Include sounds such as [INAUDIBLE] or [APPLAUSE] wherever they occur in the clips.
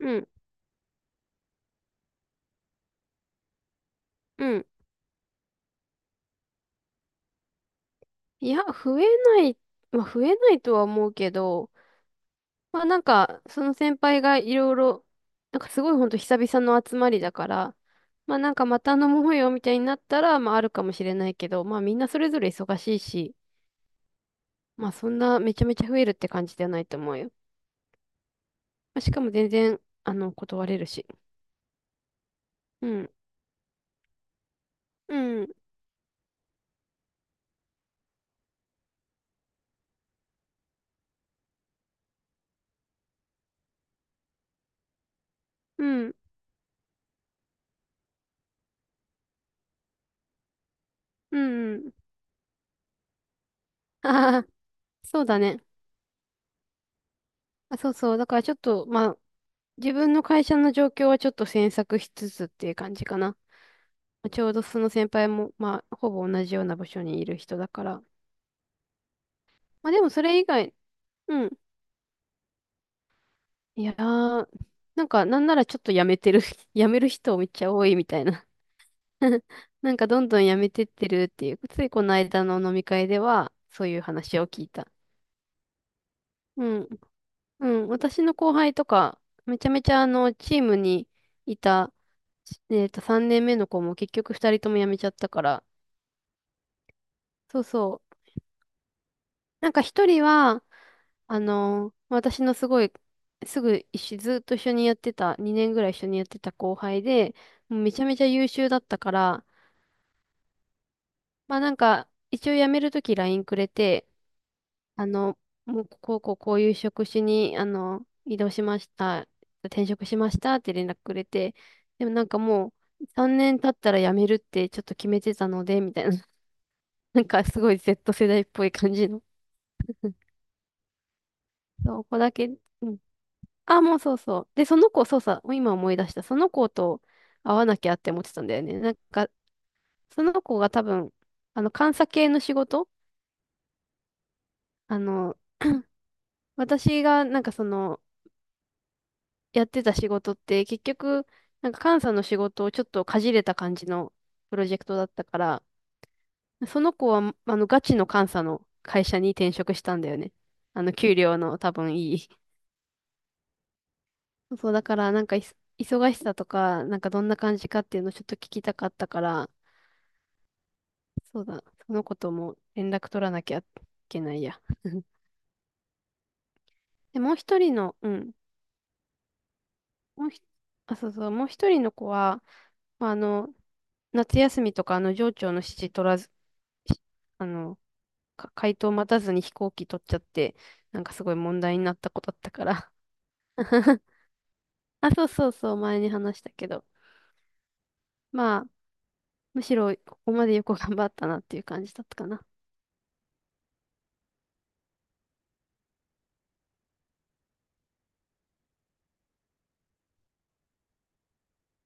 うん、うん。いや、増えない、まあ、増えないとは思うけど、まあなんか、その先輩がいろいろ、なんかすごいほんと久々の集まりだから、まあなんかまた飲もうよみたいになったら、まああるかもしれないけど、まあみんなそれぞれ忙しいし、まあそんなめちゃめちゃ増えるって感じではないと思うよ。まあ、しかも全然、断れるし。うん、うん、うん、うん。ああ、[LAUGHS] そうだね。あ、そうそう。だからちょっと、まあ自分の会社の状況はちょっと詮索しつつっていう感じかな。まあちょうどその先輩も、まあ、ほぼ同じような場所にいる人だから。まあでもそれ以外、うん。いやー、なんかなんならちょっと辞めてる、[LAUGHS] 辞める人めっちゃ多いみたいな。[LAUGHS] なんかどんどん辞めてってるっていう、ついこの間の飲み会ではそういう話を聞いた。うん。うん。私の後輩とか、めちゃめちゃチームにいた、3年目の子も結局2人とも辞めちゃったから、そうそう。なんか一人は、私のすごい、すぐ一緒、ずっと一緒にやってた、2年ぐらい一緒にやってた後輩で、もうめちゃめちゃ優秀だったから、まあなんか、一応辞めるとき LINE くれて、あの、もうこうこうこういう職種に、移動しました、転職しましたって連絡くれて、でもなんかもう、3年経ったら辞めるってちょっと決めてたので、みたいな、[LAUGHS] なんかすごい Z 世代っぽい感じの、そうここだけ、うん。あ、もうそうそう。で、その子、そうさ、今思い出した。その子と会わなきゃって思ってたんだよね。なんか、その子が多分、監査系の仕事、あの、私がなんかその、やってた仕事って、結局、なんか監査の仕事をちょっとかじれた感じのプロジェクトだったから、その子は、ガチの監査の会社に転職したんだよね。給料の多分いい。そう、だから、なんかいそ、忙しさとか、なんかどんな感じかっていうのをちょっと聞きたかったから、そうだ、そのことも連絡取らなきゃいけないや。[LAUGHS] で、もう一人の、うん、もうひ、あ、そうそう、もう一人の子は、まあ、夏休みとか、上長の指示取らず、しあの、か回答待たずに飛行機取っちゃって、なんかすごい問題になった子だったから。[LAUGHS] あ、そうそうそう、前に話したけど。まあ、むしろここまでよく頑張ったなっていう感じだったかな。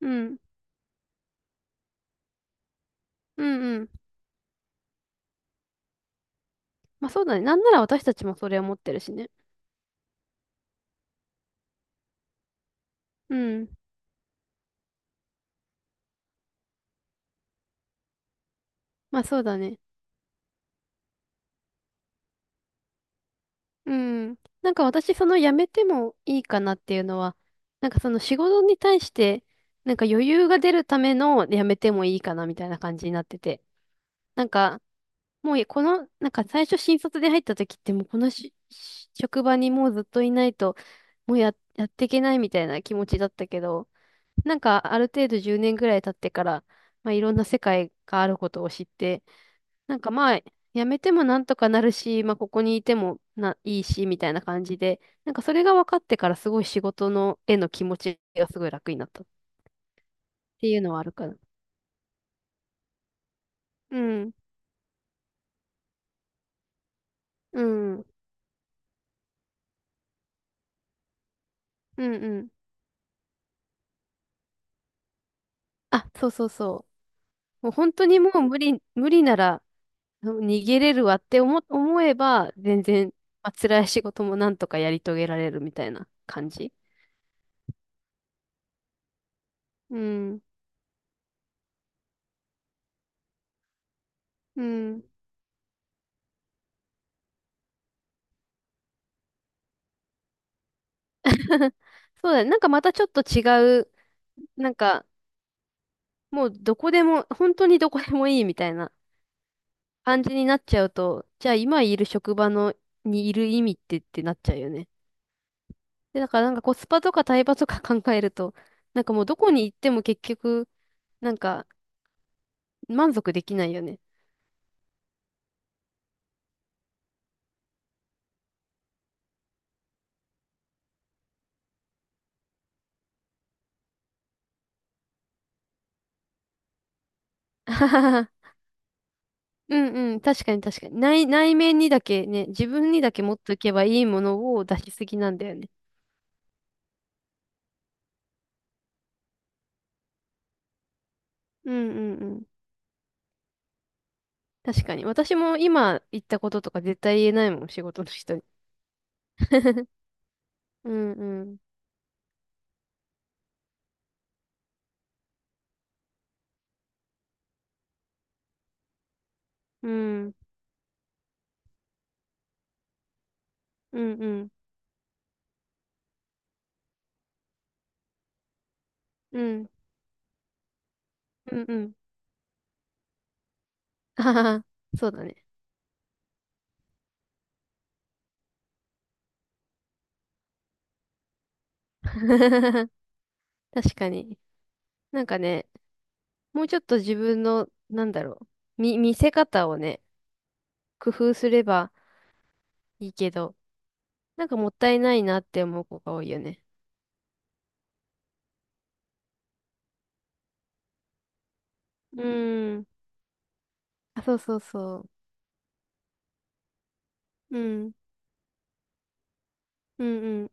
うん。うんうん。まあそうだね。なんなら私たちもそれを持ってるしね。うん。まあそうだね。うん。なんか私、その辞めてもいいかなっていうのは、なんかその仕事に対して、なんか余裕が出るための辞めてもいいかなみたいな感じになってて。なんか、もうこの、なんか最初新卒で入った時ってもうこのしし職場にもうずっといないと、もうや、やっていけないみたいな気持ちだったけど、なんかある程度10年ぐらい経ってから、まあいろんな世界があることを知って、なんかまあ、やめてもなんとかなるし、まあここにいてもな、いいし、みたいな感じで、なんかそれが分かってからすごい仕事の、への気持ちがすごい楽になったっていうのはあるかな。うん、うん、うん、うん。あ、そうそうそう。もう本当にもう無理、無理ならうん逃げれるわって思、思えば、全然、まあ、辛い仕事もなんとかやり遂げられるみたいな感じ。うん、うん。[LAUGHS] そうだね。なんかまたちょっと違う、なんか、もうどこでも、本当にどこでもいいみたいな感じになっちゃうと、じゃあ今いる職場のにいる意味ってってなっちゃうよね。で、だからなんかコスパとかタイパとか考えると、なんかもうどこに行っても結局、なんか満足できないよね。[LAUGHS] あはははうんうん、確かに確かに。内、内面にだけね、自分にだけ持っておけばいいものを出しすぎなんだよね。うんうんうん。確かに。私も今言ったこととか絶対言えないもん、仕事の人に。[LAUGHS] うんうん。うん。うんうん。うん。うんうん。[LAUGHS] あははそうだね。[LAUGHS] 確かに。なんかね、もうちょっと自分の、なんだろう、見、見せ方をね、工夫すればいいけど、なんかもったいないなって思う子が多いよね。うーん。あ、そうそうそう。うん。うん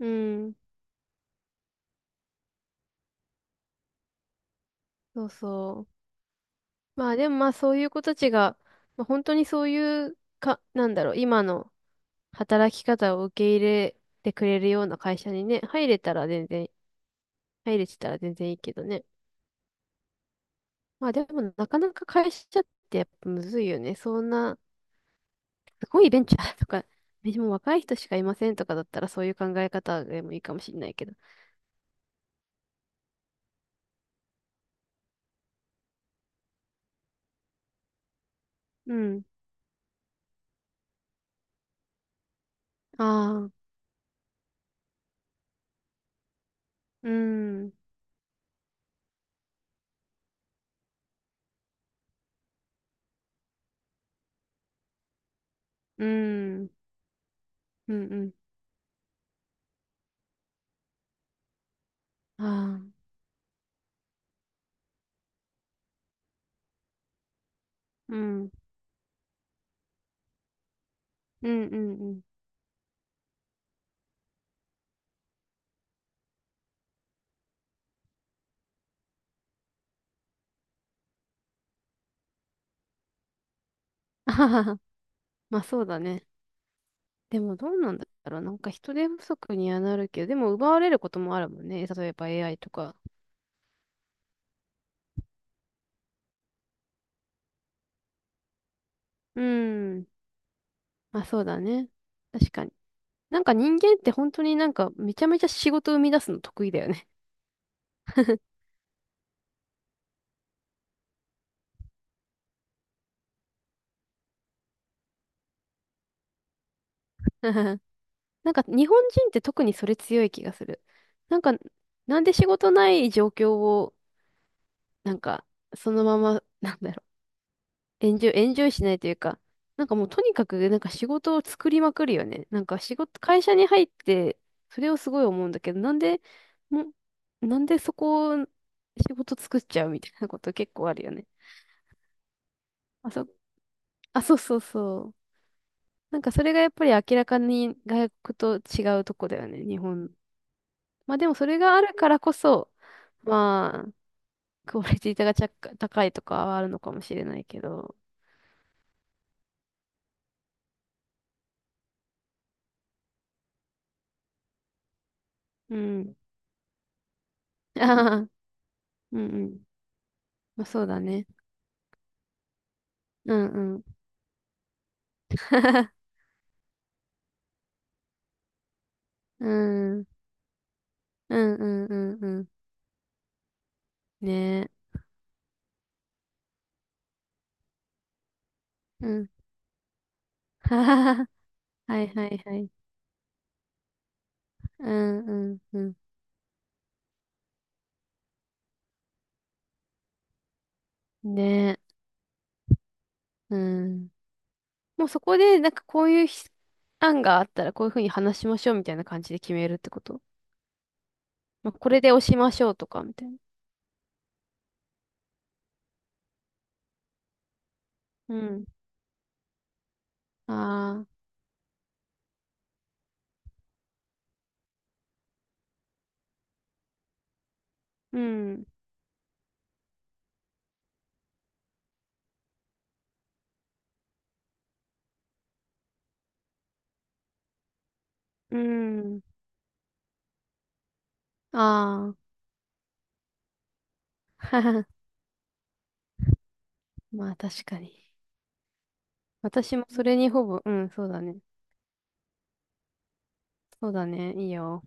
うん。うん。そうそう。まあでもまあそういう子たちが、まあ、本当にそういうか、なんだろう、今の働き方を受け入れてくれるような会社にね、入れたら全然入れてたら全然いいけどね。まあでもなかなか会社ってやっぱむずいよね。そんな、すごいベンチャーとか、[LAUGHS] でもう若い人しかいませんとかだったらそういう考え方でもいいかもしれないけど。うん。ああ、うん、うん、うん、うん、ああ、うん、うん、うん、うん。[LAUGHS] あははまあそうだね。でもどうなんだろう。なんか人手不足にはなるけど、でも奪われることもあるもんね。例えば AI とか。うん。まあそうだね。確かに。なんか人間って本当になんかめちゃめちゃ仕事生み出すの得意だよね。 [LAUGHS] なんか日本人って特にそれ強い気がする。なんか、なんで仕事ない状況を、なんか、そのまま、[LAUGHS] なんだろう、エンジョイ、エンジョイしないというか、なんかもうとにかくなんか仕事を作りまくるよね。なんか仕事、会社に入って、それをすごい思うんだけど、なんで、もなんでそこを仕事作っちゃうみたいなこと結構あるよね。あ、そ、あ、そうそうそう。なんかそれがやっぱり明らかに外国と違うとこだよね、日本。まあでもそれがあるからこそ、まあ、クオリティがちゃ高いとかはあるのかもしれないけど。うん。[LAUGHS] ああ、うんうん。まあそうだね。うんうん。[LAUGHS] うん。うんうんうんうん。ねえ。うん。[LAUGHS] ははは。はいはいはい。うんうんうん。ねえ。うん。もうそこで、なんかこういうひ案があったらこういうふうに話しましょうみたいな感じで決めるってこと、まあ、これで押しましょうとか、みたいな。うん。ああ、うん、うん、ああ、[LAUGHS] まあ確かに。私もそれにほぼ、うん、そうだね。そうだね、いいよ。